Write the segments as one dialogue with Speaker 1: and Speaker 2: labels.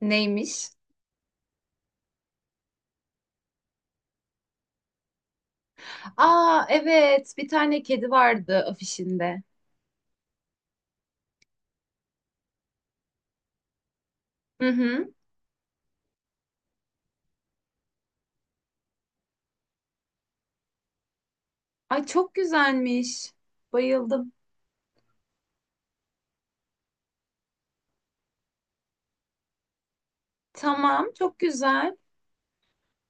Speaker 1: Neymiş? Aa, evet, bir tane kedi vardı afişinde. Hı hı. Ay, çok güzelmiş. Bayıldım. Tamam, çok güzel.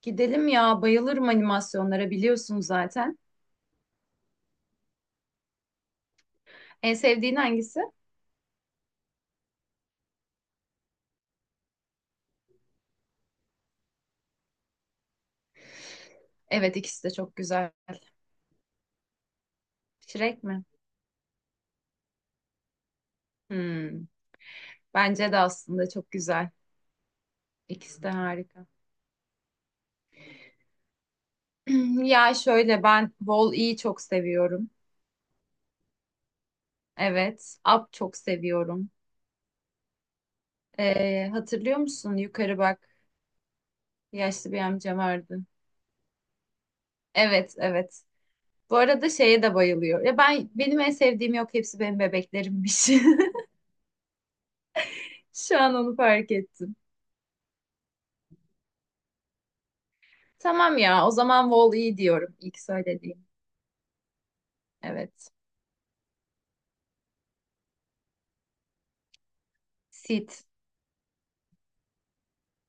Speaker 1: Gidelim ya, bayılırım animasyonlara biliyorsun zaten. En sevdiğin hangisi? Evet, ikisi de çok güzel. Shrek mi? Hmm, bence de aslında çok güzel. İkisi de harika. Ya şöyle, ben Wall-E'yi çok seviyorum. Evet. Up çok seviyorum. Hatırlıyor musun? Yukarı bak. Yaşlı bir amca vardı. Evet, evet. Bu arada şeye de bayılıyor. Ya ben, benim en sevdiğim yok, hepsi benim bebeklerimmiş. Şu an onu fark ettim. Tamam ya, o zaman Wall-E diyorum, ilk söylediğim. Evet. Sid.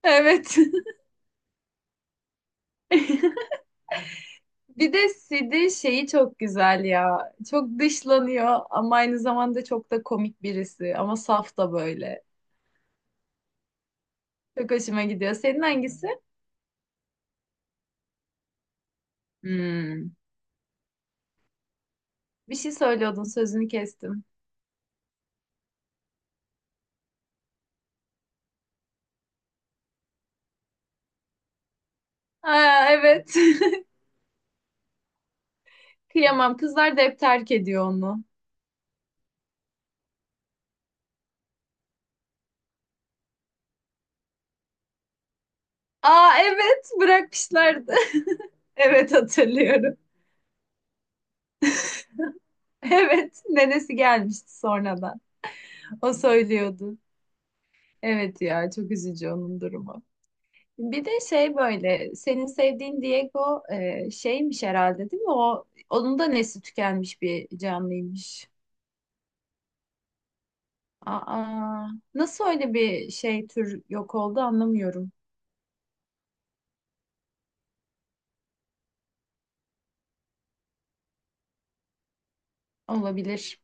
Speaker 1: Evet. Bir de Sid'in şeyi çok güzel ya. Çok dışlanıyor ama aynı zamanda çok da komik birisi. Ama saf da böyle. Çok hoşuma gidiyor. Senin hangisi? Hmm. Bir şey söylüyordun, sözünü kestim. Aa, evet. Kıyamam. Kızlar da hep terk ediyor onu. Aa, evet, bırakmışlardı. Evet, hatırlıyorum. Evet, nenesi gelmişti sonradan. O söylüyordu. Evet ya, çok üzücü onun durumu. Bir de şey böyle, senin sevdiğin Diego şeymiş herhalde değil mi? O, onun da nesli tükenmiş bir canlıymış. Aa, nasıl öyle bir şey, tür yok oldu anlamıyorum. Olabilir.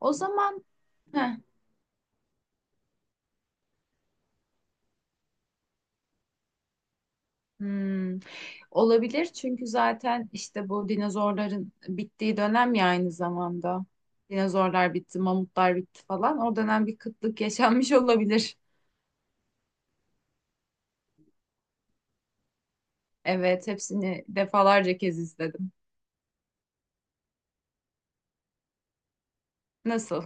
Speaker 1: O zaman heh, hmm. Olabilir, çünkü zaten işte bu dinozorların bittiği dönem ya aynı zamanda. Dinozorlar bitti, mamutlar bitti falan. O dönem bir kıtlık yaşanmış olabilir. Evet, hepsini defalarca kez izledim. Nasıl?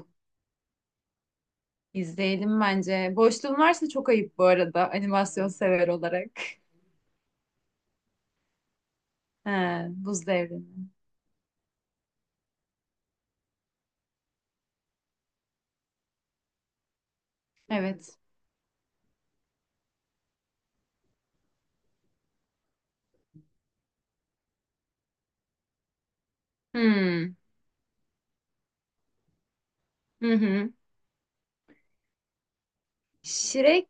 Speaker 1: İzleyelim bence. Boşluğun varsa çok ayıp bu arada, animasyon sever olarak. He, Buz Devrimi. Evet. Hmm. Hı hı. Shrek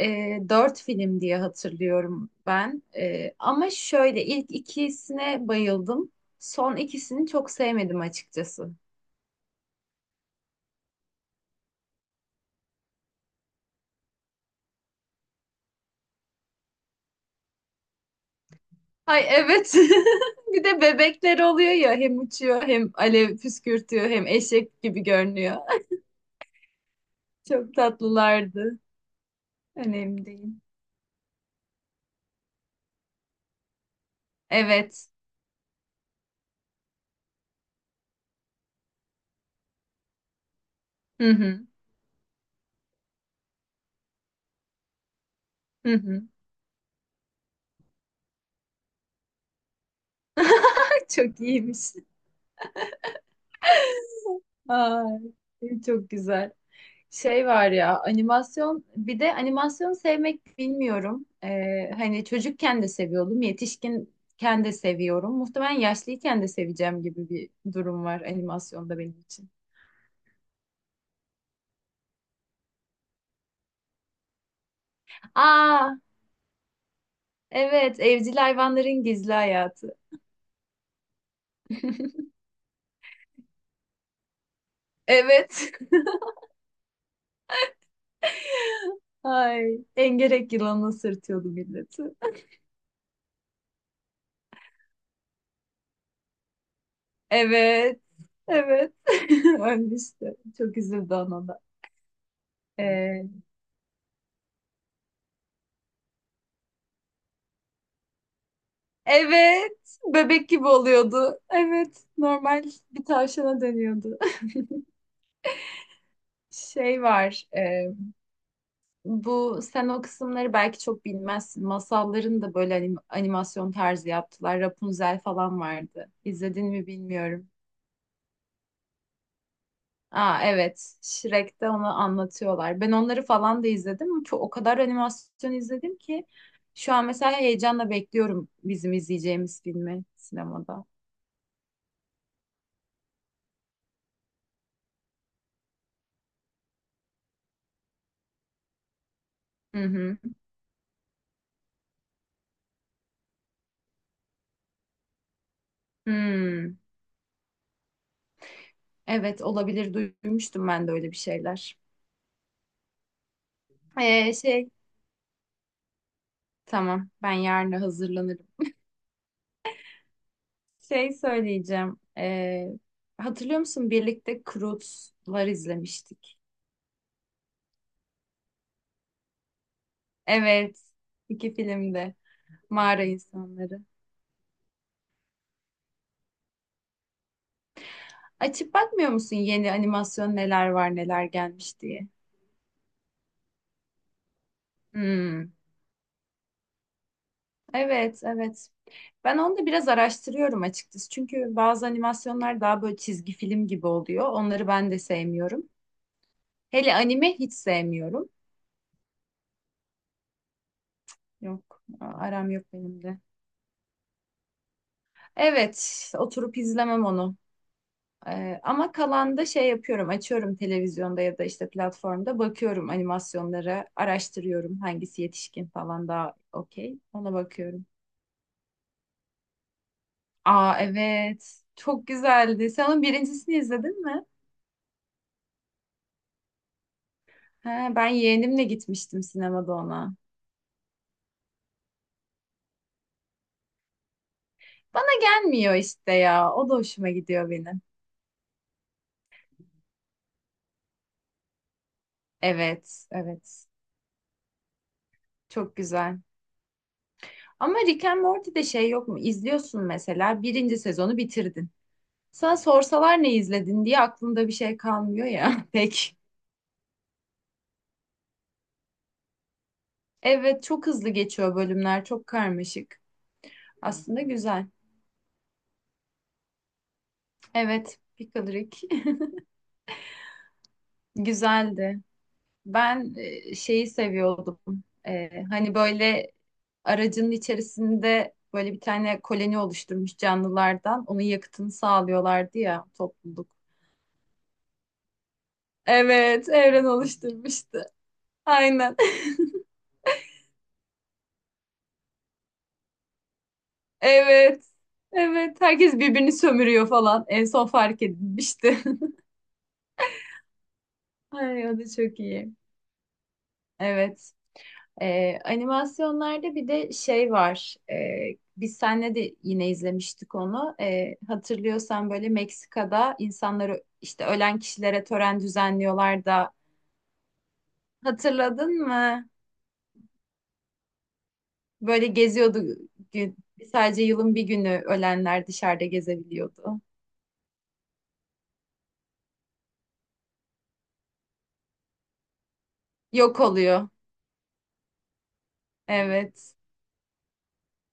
Speaker 1: 4 film diye hatırlıyorum ben. E, ama şöyle ilk ikisine bayıldım. Son ikisini çok sevmedim açıkçası. Ay evet. Bir de bebekler oluyor ya, hem uçuyor hem alev püskürtüyor hem eşek gibi görünüyor. Çok tatlılardı. Önemli değil. Evet. Hı hı. Hı hı. Çok iyiymiş. Ay, çok güzel. Şey var ya, animasyon, bir de animasyon sevmek bilmiyorum. Hani çocukken de seviyordum, yetişkinken de seviyorum. Muhtemelen yaşlıyken de seveceğim gibi bir durum var animasyonda benim için. Aa evet, evcil hayvanların gizli hayatı. Evet. Ay, engerek yılanına sırtıyordu milleti. Evet. Evet. Ölmüştü. Çok üzüldü ona da. Ee, Evet, bebek gibi oluyordu. Evet, normal bir tavşana dönüyordu. Şey var, bu sen o kısımları belki çok bilmezsin. Masalların da böyle animasyon tarzı yaptılar. Rapunzel falan vardı. İzledin mi bilmiyorum. Aa evet, Shrek'te onu anlatıyorlar. Ben onları falan da izledim. Çok, o kadar animasyon izledim ki şu an mesela heyecanla bekliyorum bizim izleyeceğimiz filmi sinemada. Hı hı. Hmm. Evet olabilir, duymuştum ben de öyle bir şeyler. Şey tamam, ben yarın hazırlanırım. Şey söyleyeceğim. Hatırlıyor musun birlikte Croods'lar izlemiştik. Evet, iki filmde mağara insanları. Açıp bakmıyor musun, yeni animasyon neler var, neler gelmiş diye. Hmm, evet, evet. Ben onu da biraz araştırıyorum açıkçası. Çünkü bazı animasyonlar daha böyle çizgi film gibi oluyor. Onları ben de sevmiyorum. Hele anime hiç sevmiyorum. Yok, aram yok benim de. Evet, oturup izlemem onu. Ama kalanda şey yapıyorum, açıyorum televizyonda ya da işte platformda bakıyorum animasyonlara, araştırıyorum hangisi yetişkin falan daha okey. Ona bakıyorum. Aa evet, çok güzeldi. Sen onun birincisini izledin mi? He, ben yeğenimle gitmiştim sinemada ona. Bana gelmiyor işte ya, o da hoşuma gidiyor benim. Evet, evet, çok güzel. Ama Rick and Morty'de şey yok mu? İzliyorsun mesela, birinci sezonu bitirdin. Sana sorsalar ne izledin diye, aklında bir şey kalmıyor ya pek. Evet, çok hızlı geçiyor bölümler, çok karmaşık. Aslında güzel. Evet, Pickle Rick güzeldi. Ben şeyi seviyordum. Hani böyle aracının içerisinde böyle bir tane koloni oluşturmuş canlılardan. Onun yakıtını sağlıyorlardı ya, topluluk. Evet, evren oluşturmuştu. Aynen. Evet. Evet. Herkes birbirini sömürüyor falan. En son fark edilmişti. Ay, o da çok iyi. Evet. Animasyonlarda bir de şey var. Biz seninle de yine izlemiştik onu. Hatırlıyorsan böyle Meksika'da insanları, işte ölen kişilere tören düzenliyorlar da, hatırladın mı? Böyle geziyordu gün. Sadece yılın bir günü ölenler dışarıda gezebiliyordu. Yok oluyor. Evet.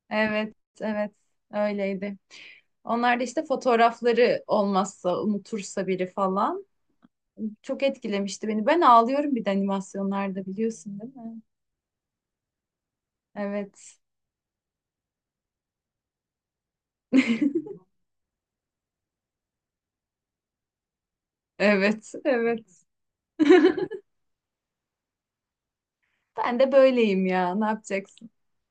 Speaker 1: Evet. Evet. Öyleydi. Onlar da işte fotoğrafları olmazsa, unutursa biri falan. Çok etkilemişti beni. Ben ağlıyorum bir de animasyonlarda, biliyorsun değil mi? Evet. Evet, evet. Ben de böyleyim ya. Ne yapacaksın?